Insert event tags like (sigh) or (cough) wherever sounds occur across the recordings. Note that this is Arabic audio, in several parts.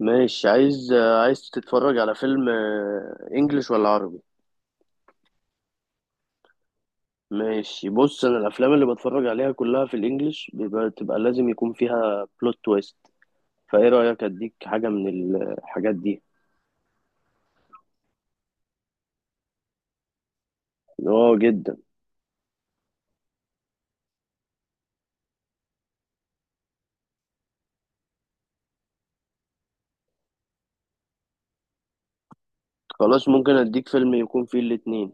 ماشي. عايز تتفرج على فيلم، انجليش ولا عربي؟ ماشي، بص، انا الافلام اللي بتفرج عليها كلها في الانجليش تبقى لازم يكون فيها بلوت تويست. فايه رايك اديك حاجه من الحاجات دي؟ اه جدا. خلاص ممكن اديك فيلم يكون فيه الاتنين.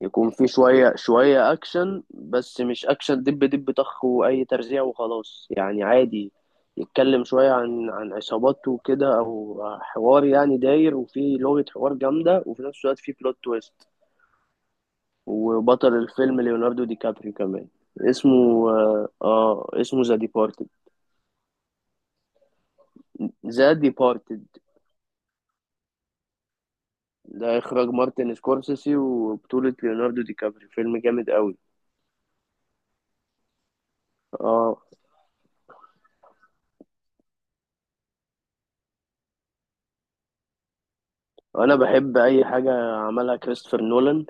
يكون في شوية شوية أكشن، بس مش أكشن دب دب طخ وأي ترزيع وخلاص يعني، عادي. يتكلم شوية عن عصاباته وكده، أو حوار يعني داير، وفي لغة حوار جامدة، وفي نفس الوقت في بلوت تويست. وبطل الفيلم ليوناردو دي كابريو كمان. اسمه اسمه ذا ديبارتد. ذا ديبارتد، ده إخراج مارتن سكورسيسي وبطولة ليوناردو دي كابريو، فيلم جامد قوي. اه، انا بحب اي حاجه عملها كريستوفر نولان.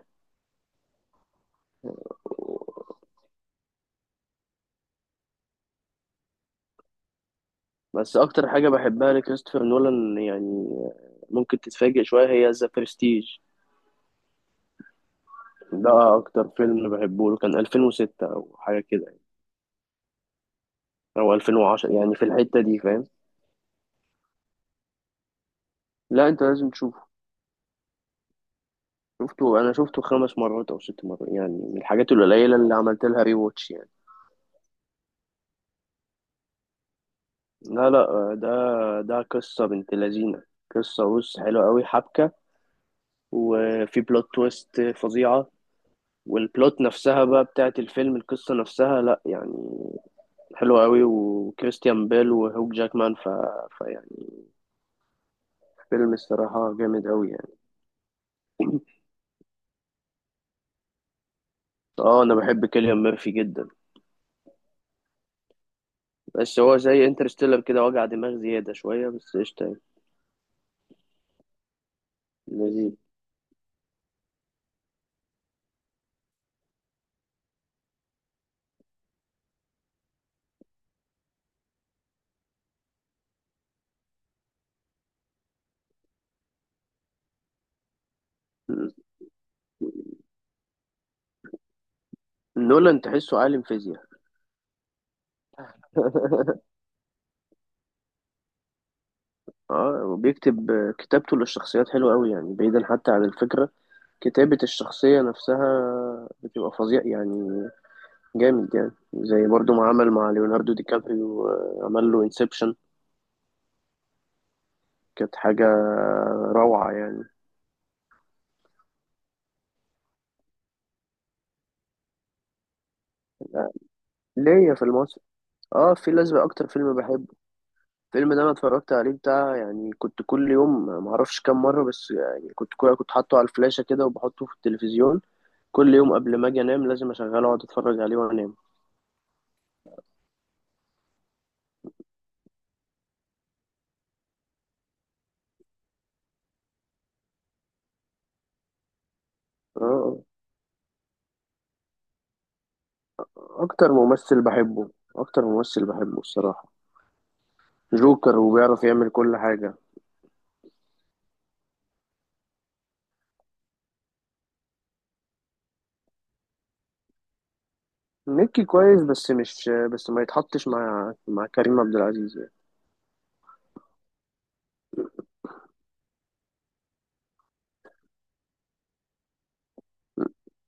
بس اكتر حاجه بحبها لكريستوفر نولان يعني، ممكن تتفاجئ شويه، هي ذا برستيج. ده اكتر فيلم بحبه له، كان 2006 او حاجه كده يعني، او 2010، يعني في الحته دي، فاهم؟ لا انت لازم تشوفه. انا شفته خمس مرات او ست مرات، يعني من الحاجات القليله اللي عملت لها ري واتش يعني. لا لا، ده قصه بنت لذينه. قصه، بص، حلوه قوي، حبكه، وفي بلوت تويست فظيعه. والبلوت نفسها بقى بتاعت الفيلم، القصه نفسها لا يعني، حلو قوي. وكريستيان بيل وهوك جاكمان، فيعني فيلم الصراحة جامد قوي يعني. اه، انا بحب كيليان ميرفي جدا. بس هو زي انترستيلر كده، وجع دماغ زيادة شوية، بس قشطة يعني. لذيذ. نولان تحسه عالم فيزياء. (laughs) اه، وبيكتب. كتابته للشخصيات حلوة قوي يعني، بعيدا حتى عن الفكرة، كتابة الشخصية نفسها بتبقى فظيع يعني. جامد يعني، زي برضو ما عمل مع ليوناردو دي كابريو، عمل له انسبشن. كانت حاجة روعة يعني. ليا في المصري. اه، الفيل الازرق اكتر فيلم بحبه. الفيلم ده انا اتفرجت عليه بتاع يعني، كنت كل يوم ما اعرفش كام مره، بس يعني كنت حاطه على الفلاشه كده، وبحطه في التلفزيون كل يوم قبل ما اجي انام. لازم اشغله واقعد اتفرج عليه وانام. اه آه. اكتر ممثل بحبه الصراحه. جوكر، وبيعرف يعمل كل حاجه. ميكي كويس، بس ما يتحطش مع كريم عبد العزيز يعني.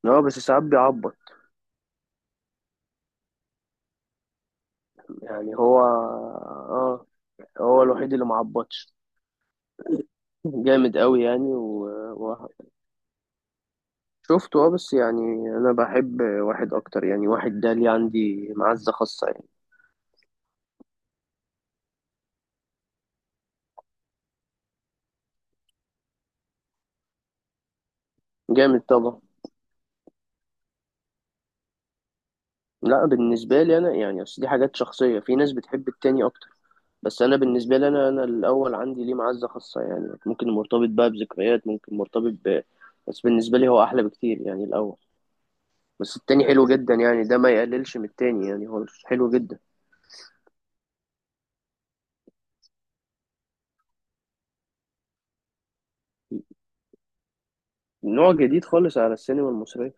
اه بس ساعات بيعبط. يعني هو اه، هو الوحيد اللي ما عبطش. جامد قوي يعني و- وشفته، اه، بس يعني انا بحب واحد اكتر يعني، واحد ده ليه عندي معزة خاصة يعني. جامد طبعا. لا، بالنسبة لي انا يعني، اصل دي حاجات شخصية، في ناس بتحب التاني اكتر، بس انا بالنسبة لي انا، الاول عندي ليه معزة خاصة يعني، ممكن مرتبط بقى بذكريات، ممكن مرتبط ب... بس بالنسبة لي هو احلى بكتير يعني الاول. بس التاني حلو جدا يعني، ده ما يقللش من التاني يعني، هو حلو جدا. نوع جديد خالص على السينما المصرية.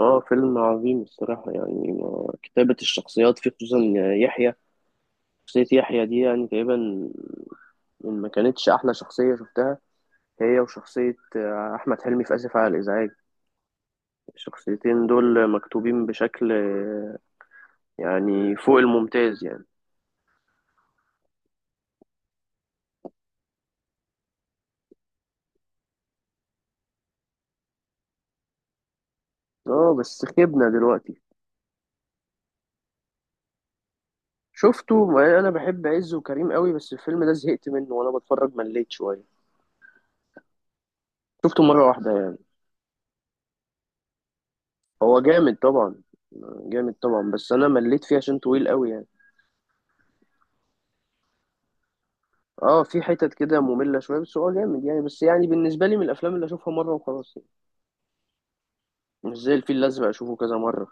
اه فيلم عظيم الصراحة يعني. ما- كتابة الشخصيات فيه خصوصا، يحيى، شخصية يحيى دي يعني تقريبا، إن ما كانتش أحلى شخصية شفتها، هي وشخصية أحمد حلمي في آسف على الإزعاج. الشخصيتين دول مكتوبين بشكل يعني فوق الممتاز يعني. اه بس خيبنا دلوقتي. شفته، ما أنا بحب عز وكريم قوي، بس الفيلم ده زهقت منه، وأنا بتفرج مليت شوية. شفته مرة واحدة يعني. هو جامد طبعا، جامد طبعا، بس أنا مليت فيه عشان طويل قوي يعني. اه، في حتت كده مملة شوية، بس هو جامد يعني، بس يعني بالنسبة لي من الأفلام اللي أشوفها مرة وخلاص يعني، مش زي الفيل الأزرق أشوفه كذا مرة.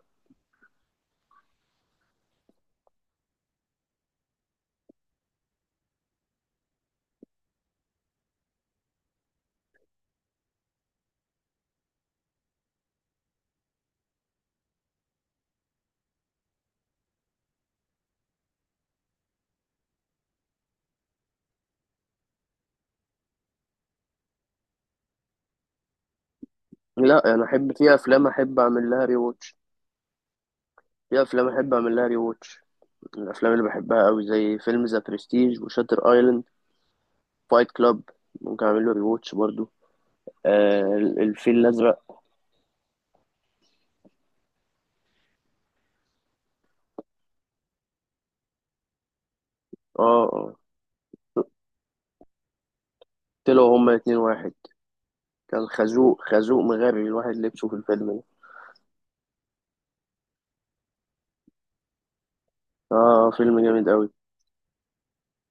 لا أنا أحب، في أفلام أحب أعمل لها ري واتش. في أفلام أحب أعمل لها ري واتش من الأفلام اللي بحبها أوي زي فيلم ذا برستيج وشاتر أيلاند. فايت كلاب ممكن أعمل له ري واتش برضه. آه، الفيل الأزرق. اه اه. طلعوا هما اتنين واحد. كان خازوق، خازوق مغري الواحد لبسه في الفيلم ده. اه فيلم جامد أوي.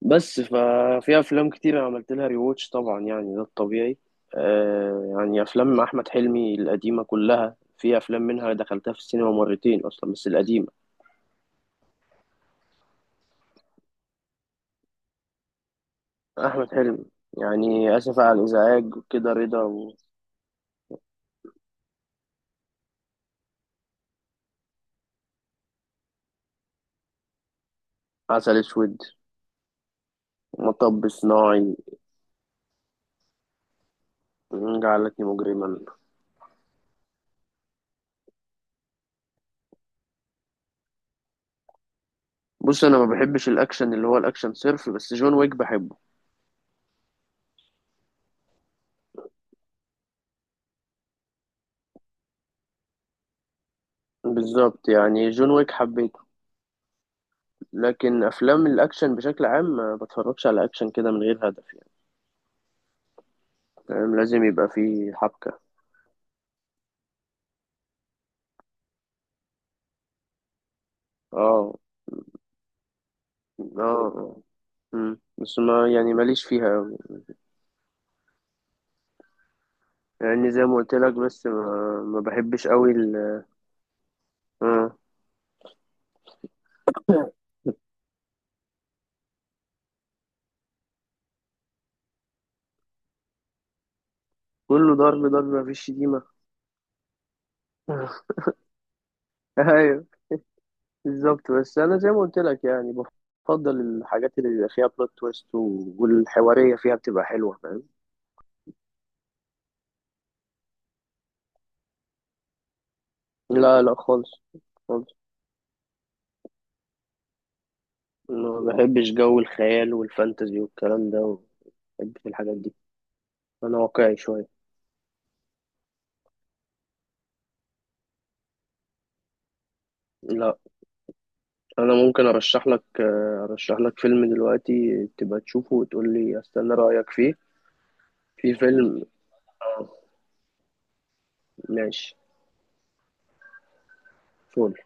بس ففي افلام كتير انا عملت لها ريواتش طبعا يعني، ده الطبيعي. آه، يعني افلام احمد حلمي القديمه كلها، في افلام منها دخلتها في السينما مرتين اصلا، بس القديمه. احمد حلمي. يعني اسف على الازعاج كده، رضا، وعسل اسود، مطب صناعي، جعلتني مجرما. بص انا ما بحبش الاكشن اللي هو الاكشن صرف، بس جون ويك بحبه. بالظبط، يعني جون ويك حبيته، لكن افلام الاكشن بشكل عام ما بتفرجش على اكشن كده من غير هدف يعني. فاهم، لازم يبقى فيه حبكة. اه اه آه. مم. بس ما يعني ماليش فيها أوي. يعني زي ما قلت لك، بس ما بحبش أوي ال... آه. كله ضرب ضرب، مفيش شتيمة. (laughs) أيوه بالظبط. بس أنا زي ما قلت لك يعني، بفضل الحاجات اللي بيبقى فيها بلوت تويست و- والحوارية فيها بتبقى حلوة، فاهم. لا لا خالص، خالص ما بحبش جو الخيال والفانتزي والكلام ده، ما بحبش الحاجات دي. أنا واقعي شوية. لا، انا ممكن ارشح لك، ارشح لك فيلم دلوقتي تبقى تشوفه وتقول لي، استنى رايك فيه. في فيلم، آه، ماشي. فول.